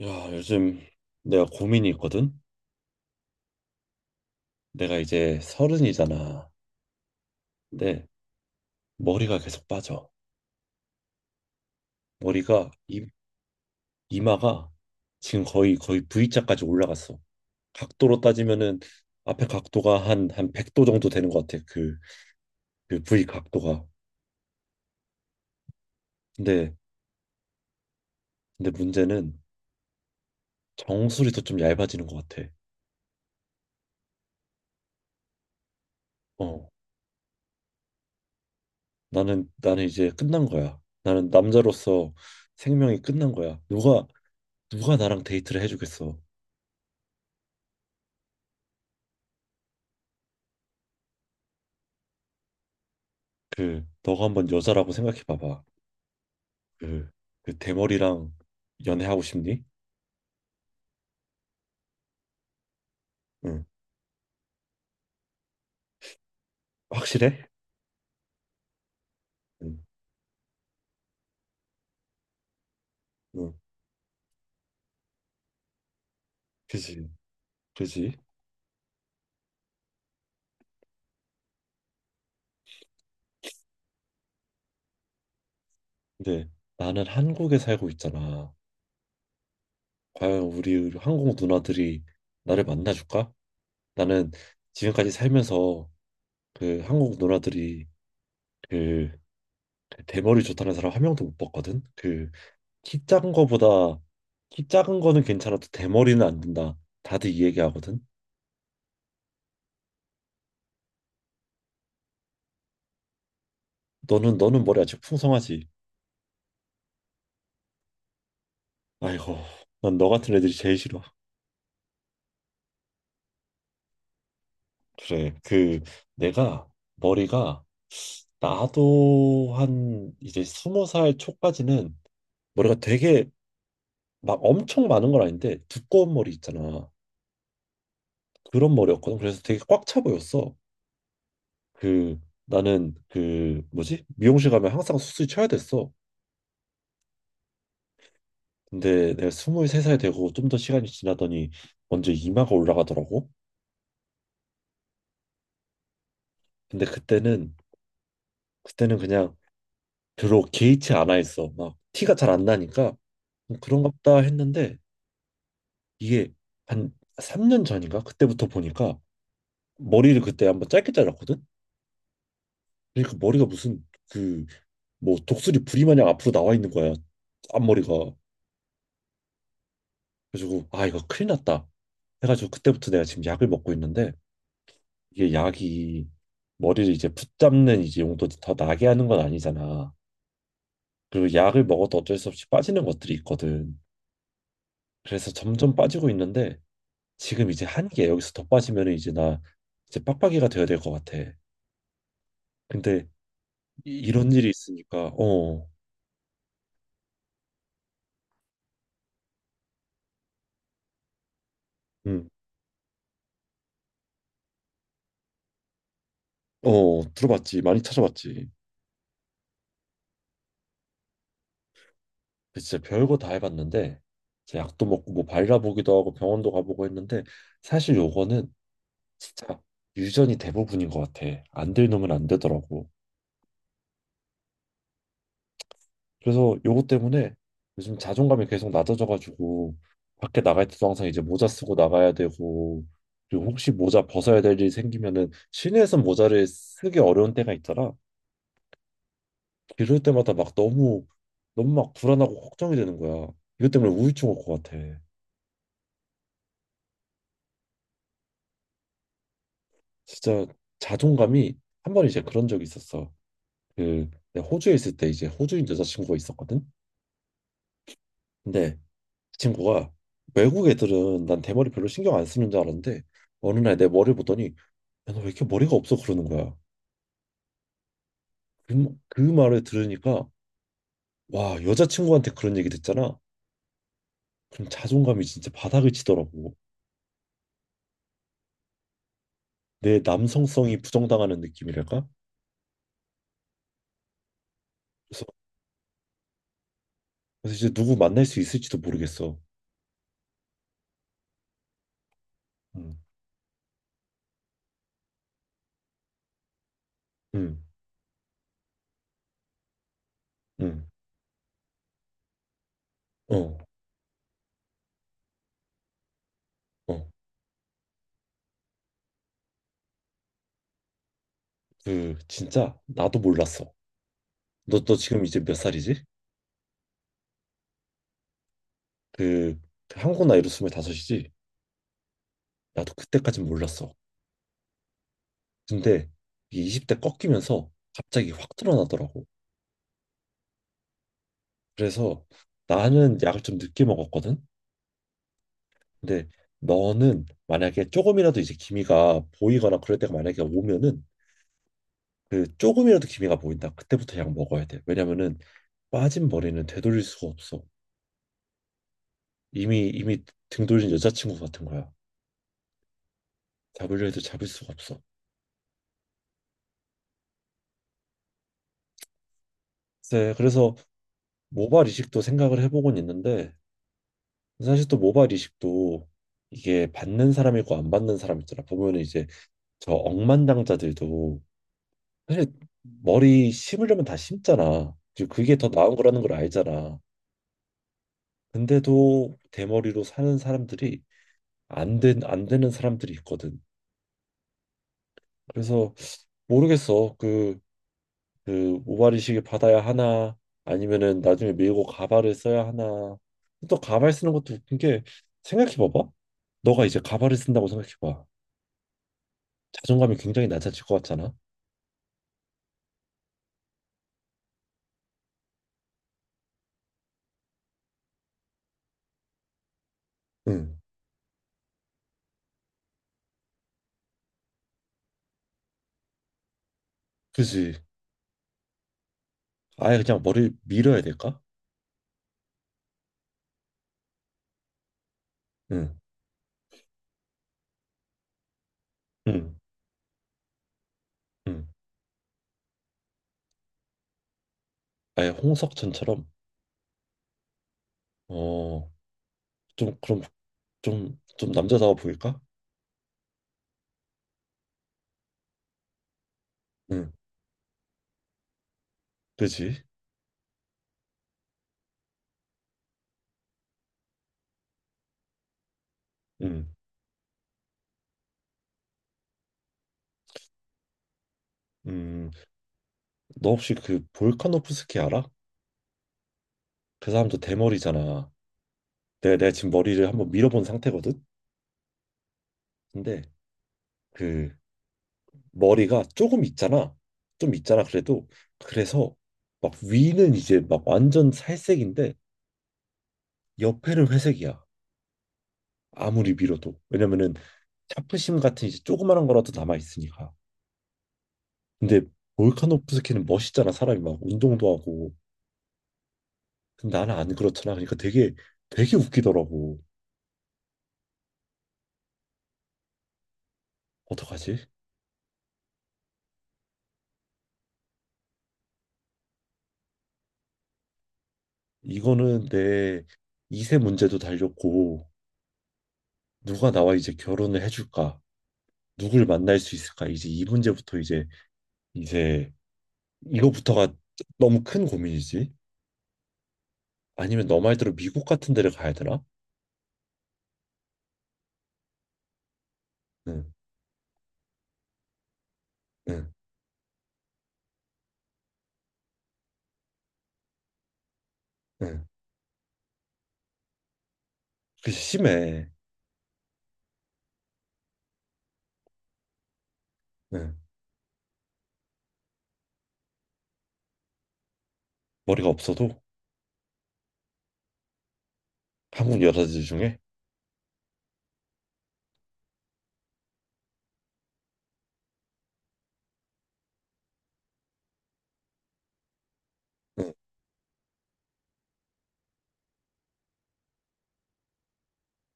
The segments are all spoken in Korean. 야, 요즘 내가 고민이 있거든? 내가 이제 서른이잖아. 근데 머리가 계속 빠져. 머리가 이, 이마가 지금 거의 V자까지 올라갔어. 각도로 따지면은 앞에 각도가 한 100도 정도 되는 것 같아. 그, 그 V 각도가. 근데 근데 문제는 정수리도 좀 얇아지는 것 같아. 어. 나는 이제 끝난 거야. 나는 남자로서 생명이 끝난 거야. 누가 나랑 데이트를 해주겠어. 그 너가 한번 여자라고 생각해 봐봐. 그, 그 대머리랑 연애하고 싶니? 응. 확실해? 응. 응. 그지. 그지. 근데 나는 한국에 살고 있잖아. 과연 우리 한국 누나들이 나를 만나줄까? 나는 지금까지 살면서 그 한국 누나들이 그 대머리 좋다는 사람 한 명도 못 봤거든. 그 키 작은 거보다 키 작은 거는 괜찮아도 대머리는 안 된다. 다들 이 얘기하거든. 너는 머리 아직 풍성하지. 아이고, 난 너 같은 애들이 제일 싫어. 그래. 그 내가 머리가 나도 한 이제 스무 살 초까지는 머리가 되게 막 엄청 많은 건 아닌데 두꺼운 머리 있잖아. 그런 머리였거든. 그래서 되게 꽉 차 보였어. 그 나는 그 뭐지? 미용실 가면 항상 수술 쳐야 됐어. 근데 내가 스물세 살 되고 좀 더 시간이 지나더니 먼저 이마가 올라가더라고. 근데 그때는 그냥 별로 개의치 않아 있어. 막 티가 잘 안 나니까 뭐 그런가보다 했는데 이게 한 3년 전인가 그때부터 보니까 머리를 그때 한번 짧게 잘랐거든. 그러니까 머리가 무슨 그 뭐 독수리 부리 마냥 앞으로 나와 있는 거야. 앞머리가. 그래가지고 아 이거 큰일 났다. 해가지고 그때부터 내가 지금 약을 먹고 있는데 이게 약이 머리를 이제 붙잡는 이제 용도지 더 나게 하는 건 아니잖아. 그리고 약을 먹어도 어쩔 수 없이 빠지는 것들이 있거든. 그래서 점점 빠지고 있는데 지금 이제 한계 여기서 더 빠지면 이제 나 이제 빡빡이가 되어야 될 것 같아. 근데 이런 일이 있으니까 어, 음, 어 들어봤지 많이 찾아봤지. 근데 진짜 별거 다 해봤는데 이제 약도 먹고 뭐 발라보기도 하고 병원도 가보고 했는데 사실 요거는 진짜 유전이 대부분인 것 같아. 안 될 놈은 안 되더라고. 그래서 요거 때문에 요즘 자존감이 계속 낮아져가지고 밖에 나갈 때도 항상 이제 모자 쓰고 나가야 되고 그리고 혹시 모자 벗어야 될 일이 생기면은 시내에서 모자를 쓰기 어려운 때가 있더라. 이럴 때마다 막 너무 너무 막 불안하고 걱정이 되는 거야. 이것 때문에 우울증 올 것 같아. 진짜 자존감이 한 번 이제 그런 적이 있었어. 그 내가 호주에 있을 때 이제 호주인 여자친구가 있었거든. 근데 그 친구가 외국 애들은 난 대머리 별로 신경 안 쓰는 줄 알았는데 어느 날 내 머리 보더니 야, 너 왜 이렇게 머리가 없어? 그러는 거야. 그, 그 말을 들으니까, 와, 여자친구한테 그런 얘기 듣잖아. 그럼 자존감이 진짜 바닥을 치더라고. 내 남성성이 부정당하는 느낌이랄까? 그래서, 그래서 이제 누구 만날 수 있을지도 모르겠어. 음, 음, 음, 어, 어. 그, 진짜, 나도 몰랐어. 너 지금 이제 몇 살이지? 그, 그 한국 나이로 25이지? 나도 그때까진 몰랐어. 근데, 이게 20대 꺾이면서 갑자기 확 드러나더라고. 그래서 나는 약을 좀 늦게 먹었거든. 근데 너는 만약에 조금이라도 이제 기미가 보이거나 그럴 때가 만약에 오면은 그 조금이라도 기미가 보인다. 그때부터 약 먹어야 돼. 왜냐면은 빠진 머리는 되돌릴 수가 없어. 이미 이미 등 돌린 여자친구 같은 거야. 잡으려 해도 잡을 수가 없어. 네, 그래서 모발 이식도 생각을 해보곤 있는데 사실 또 모발 이식도 이게 받는 사람이고 안 받는 사람 있잖아. 보면은 이제 저 억만장자들도 사실 머리 심으려면 다 심잖아. 이제 그게 더 나은 거라는 걸 알잖아. 근데도 대머리로 사는 사람들이 안 되는 사람들이 있거든. 그래서 모르겠어. 그, 그 모발이식을 받아야 하나 아니면은 나중에 밀고 가발을 써야 하나. 또 가발 쓰는 것도 웃긴 게 생각해 봐봐. 너가 이제 가발을 쓴다고 생각해 봐. 자존감이 굉장히 낮아질 것 같잖아. 응. 그지. 아예 그냥 머리를 밀어야 될까? 응. 응. 응. 아예 홍석천처럼 어, 좀 그럼 좀 남자다워 보일까? 응, 그지? 응, 음, 너 혹시 그 볼카노프스키 알아? 그 사람도 대머리잖아. 내가 지금 머리를 한번 밀어본 상태거든. 근데 그 머리가 조금 있잖아. 좀 있잖아. 그래도 그래서 막 위는 이제 막 완전 살색인데 옆에는 회색이야. 아무리 밀어도 왜냐면은 차프심 같은 이제 조그마한 거라도 남아 있으니까. 근데 볼카노프스키는 멋있잖아 사람이 막 운동도 하고 근데 나는 안 그렇잖아. 그러니까 되게 되게 웃기더라고. 어떡하지? 이거는 내 2세 문제도 달렸고 누가 나와 이제 결혼을 해줄까? 누굴 만날 수 있을까? 이제 이 문제부터 이제 이제 이거부터가 너무 큰 고민이지. 아니면 너 말대로 미국 같은 데를 가야 되나? 응, 응, 응. 그게 심해. 응. 머리가 없어도 한국 여자들 중에 응,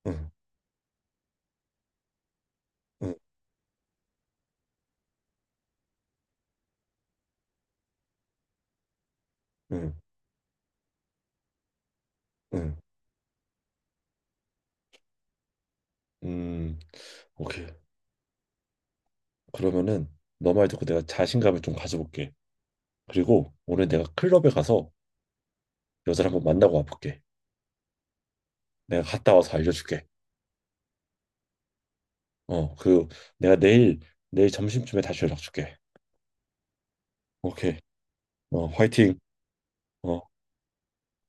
응, 응, 응, 응. 음, 오케이. 그러면은 너 말 듣고 내가 자신감을 좀 가져볼게. 그리고 오늘 내가 클럽에 가서 여자를 한번 만나고 와볼게. 내가 갔다 와서 알려줄게. 어, 그 내가 내일 내일 점심쯤에 다시 연락 줄게. 오케이. 어, 화이팅. 어.